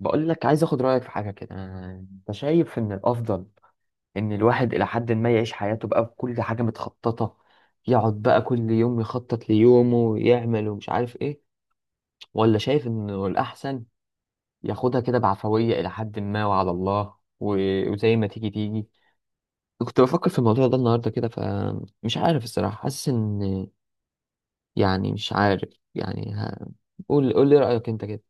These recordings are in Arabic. بقول لك عايز اخد رايك في حاجه كده. انت شايف ان الافضل ان الواحد الى حد ما يعيش حياته بقى بكل حاجه متخططه، يقعد بقى كل يوم يخطط ليومه ويعمل ومش عارف ايه؟ ولا شايف انه الاحسن ياخدها كده بعفويه الى حد ما وعلى الله، وزي ما تيجي تيجي؟ كنت بفكر في الموضوع ده النهارده كده، فمش عارف الصراحه، حاسس ان يعني مش عارف، يعني قول لي رايك انت كده.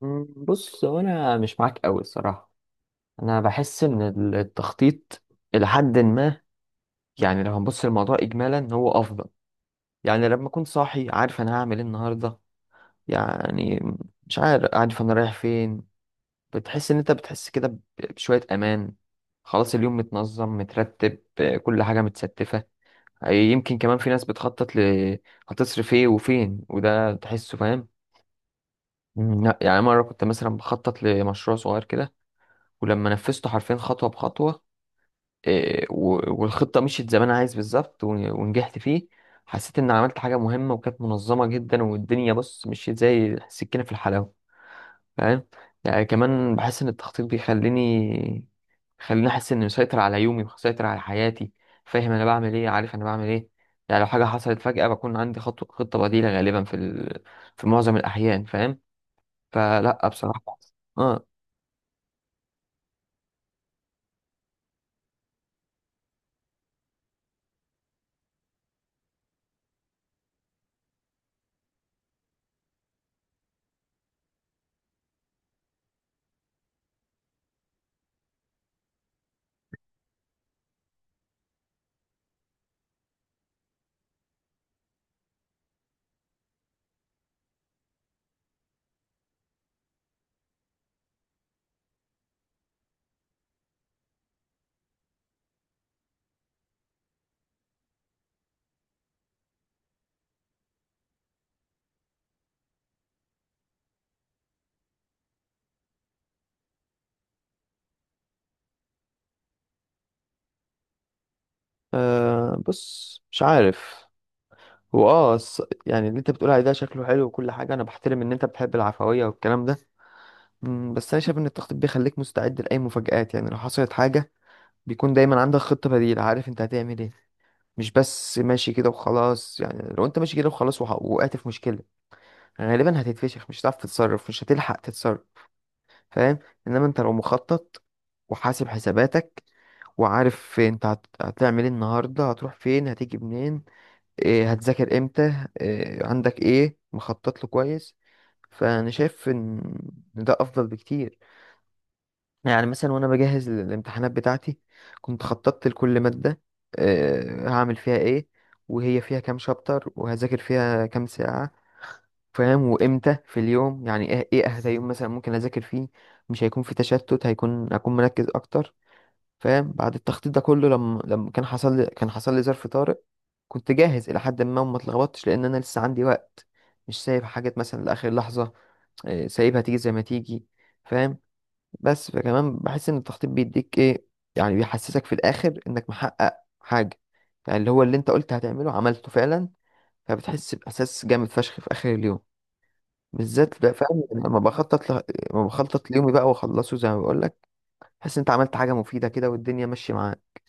مم، بص هو انا مش معاك قوي الصراحه. انا بحس ان التخطيط الى حد ما، يعني لو هنبص للموضوع اجمالا هو افضل. يعني لما اكون صاحي عارف انا هعمل ايه النهارده، يعني مش عارف، عارف انا رايح فين، بتحس ان انت بتحس كده بشويه امان، خلاص اليوم متنظم مترتب، آه، كل حاجه متستفه. آه، يمكن كمان في ناس بتخطط هتصرف ايه وفين، وده تحسه فاهم. مم، لا يعني مره كنت مثلا بخطط لمشروع صغير كده، ولما نفذته حرفيا خطوه بخطوه، إيه، والخطة مشيت زي ما أنا عايز بالظبط، ون- ونجحت فيه. حسيت إن عملت حاجة مهمة وكانت منظمة جدا، والدنيا بص مشيت زي السكينة في الحلاوة، فاهم. يعني كمان بحس إن التخطيط بيخليني، خليني أحس إني مسيطر على يومي، مسيطر على حياتي، فاهم أنا بعمل إيه، عارف أنا بعمل إيه. يعني لو حاجة حصلت فجأة، بكون عندي خطة بديلة غالبا في في معظم الأحيان، فاهم، فلا بصراحة. آه. آه بص مش عارف، يعني اللي انت بتقول عليه ده شكله حلو وكل حاجه، انا بحترم ان انت بتحب العفويه والكلام ده. مم، بس انا شايف ان التخطيط بيخليك مستعد لاي مفاجآت، يعني لو حصلت حاجه بيكون دايما عندك خطه بديله، عارف انت هتعمل ايه، مش بس ماشي كده وخلاص. يعني لو انت ماشي كده وخلاص، وح- وقعت في مشكله، غالبا هتتفشخ، مش هتعرف تتصرف، مش هتلحق تتصرف، فاهم. انما انت لو مخطط وحاسب حساباتك، وعارف انت هتعمل ايه النهارده، هتروح فين، هتيجي منين، إيه، هتذاكر امتى، إيه عندك، ايه مخطط له كويس، فانا شايف إن ده افضل بكتير. يعني مثلا وانا بجهز للامتحانات بتاعتي، كنت خططت لكل مادة، إيه هعمل فيها ايه، وهي فيها كام شابتر، وهذاكر فيها كام ساعة، فاهم، وامتى في اليوم، يعني ايه ايه اهدى يوم مثلا ممكن اذاكر فيه، مش هيكون في تشتت، هيكون اكون مركز اكتر، فاهم. بعد التخطيط ده كله، لما كان حصل لي ظرف طارئ، كنت جاهز الى حد ما وما اتلخبطتش، لان انا لسه عندي وقت، مش سايب حاجات مثلا لاخر لحظه، آه، سايبها تيجي زي ما تيجي، فاهم. بس فكمان بحس ان التخطيط بيديك ايه، يعني بيحسسك في الاخر انك محقق حاجه، يعني اللي هو اللي انت قلت هتعمله عملته فعلا، فبتحس باحساس جامد فشخ في اخر اليوم، بالذات بقى فاهم. لما بخطط لما بخطط ليومي بقى واخلصه زي ما بقول لك، بحس إن انت عملت حاجه مفيده كده والدنيا ماشيه معاك.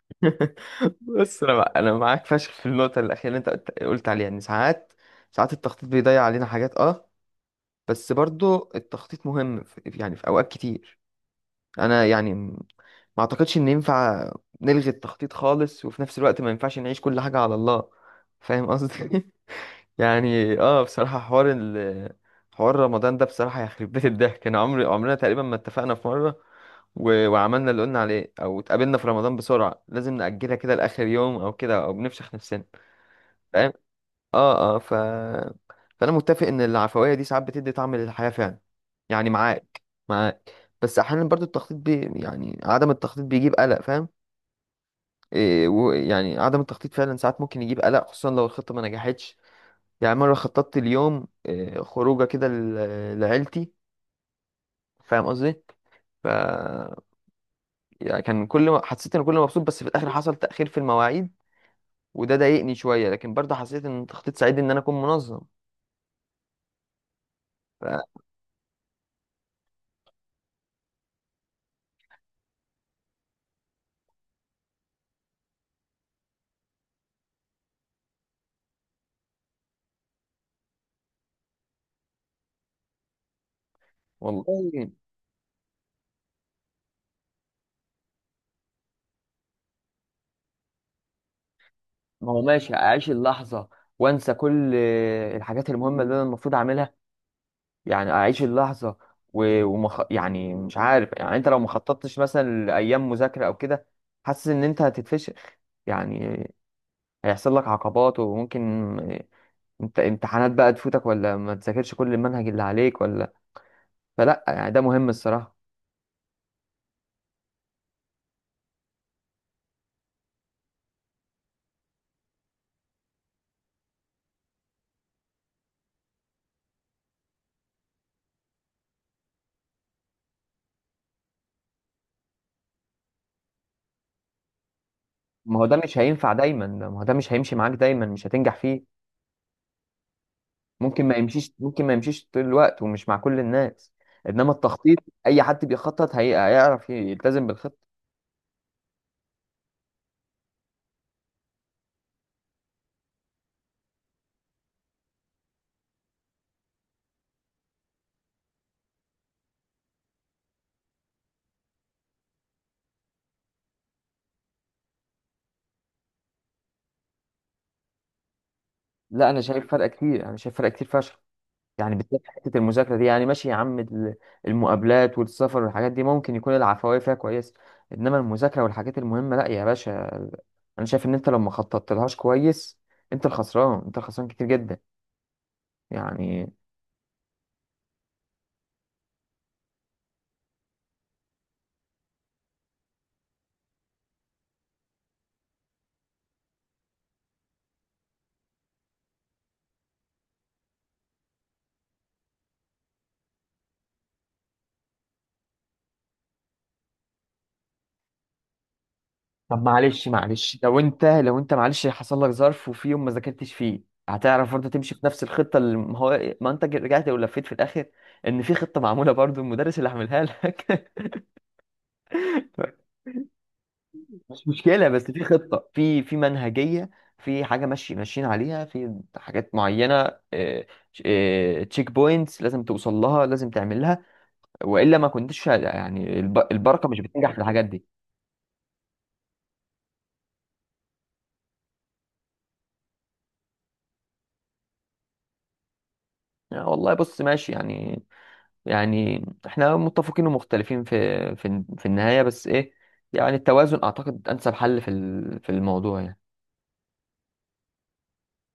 بس انا انا معاك فشخ في النقطه الاخيره اللي انت قلت عليها، ان ساعات، ساعات التخطيط بيضيع علينا حاجات اه. بس برضو التخطيط مهم في يعني في اوقات كتير. انا يعني ما اعتقدش ان ينفع نلغي التخطيط خالص، وفي نفس الوقت ما ينفعش نعيش كل حاجه على الله، فاهم قصدي. يعني اه بصراحه، حوار رمضان ده بصراحه يخرب بيت الضحك. انا عمرنا تقريبا ما اتفقنا في مره، وعملنا اللي قلنا عليه، او اتقابلنا في رمضان بسرعه، لازم نأجلها كده لاخر يوم او كده، او بنفشخ نفسنا، فاهم. اه اه ف فانا متفق ان العفويه دي ساعات بتدي طعم للحياه فعلا، يعني معاك، معاك. بس احيانا برضو يعني عدم التخطيط بيجيب قلق، فاهم، إيه، يعني عدم التخطيط فعلا ساعات ممكن يجيب قلق، خصوصا لو الخطه ما نجحتش. يعني مره خططت اليوم إيه خروجه كده لعيلتي، فاهم قصدي، ف يعني كان كل ما حسيت ان كل ما مبسوط، بس في الاخر حصل تاخير في المواعيد، وده ضايقني شويه، لكن برضه حسيت ان التخطيط ساعدني ان انا اكون منظم. ف... والله ما هو ماشي، اعيش اللحظه وانسى كل الحاجات المهمه اللي انا المفروض اعملها، يعني اعيش اللحظه، يعني مش عارف. يعني انت لو ما خططتش مثلا لايام مذاكره او كده، حاسس ان انت هتتفشخ، يعني هيحصل لك عقبات، وممكن انت امتحانات بقى تفوتك، ولا ما تذاكرش كل المنهج اللي عليك، ولا، فلا يعني ده مهم الصراحه. ما هو ده مش هينفع دايما، ما هو ده مش هيمشي معاك دايما، مش هتنجح فيه، ممكن ما يمشيش، ممكن ما يمشيش طول الوقت ومش مع كل الناس. انما التخطيط، اي حد بيخطط هيعرف يلتزم بالخطه. لا انا شايف فرق كتير، انا شايف فرق كتير فشخ، يعني بالذات في حته المذاكره دي، يعني ماشي يا عم المقابلات والسفر والحاجات دي ممكن يكون العفويه فيها كويس، انما المذاكره والحاجات المهمه، لا يا باشا. انا شايف ان انت لو ما خططتلهاش كويس، انت الخسران، انت الخسران كتير جدا يعني. طب معلش معلش لو انت معلش حصل لك ظرف وفي يوم ما ذاكرتش فيه، هتعرف برضه تمشي في نفس الخطه، اللي ما هو إيه، ما انت رجعت ولفيت في الاخر ان في خطه معموله، برضه المدرس اللي عاملها لك. مش مشكله، بس في خطه، في منهجيه، في حاجه ماشي ماشيين عليها، في حاجات معينه، تشيك بوينتس لازم توصل لها، لازم تعملها، والا ما كنتش يعني البركه مش بتنجح في الحاجات دي. آه والله بص ماشي يعني، يعني احنا متفقين ومختلفين في النهاية، بس ايه، يعني التوازن اعتقد انسب حل في في الموضوع يعني.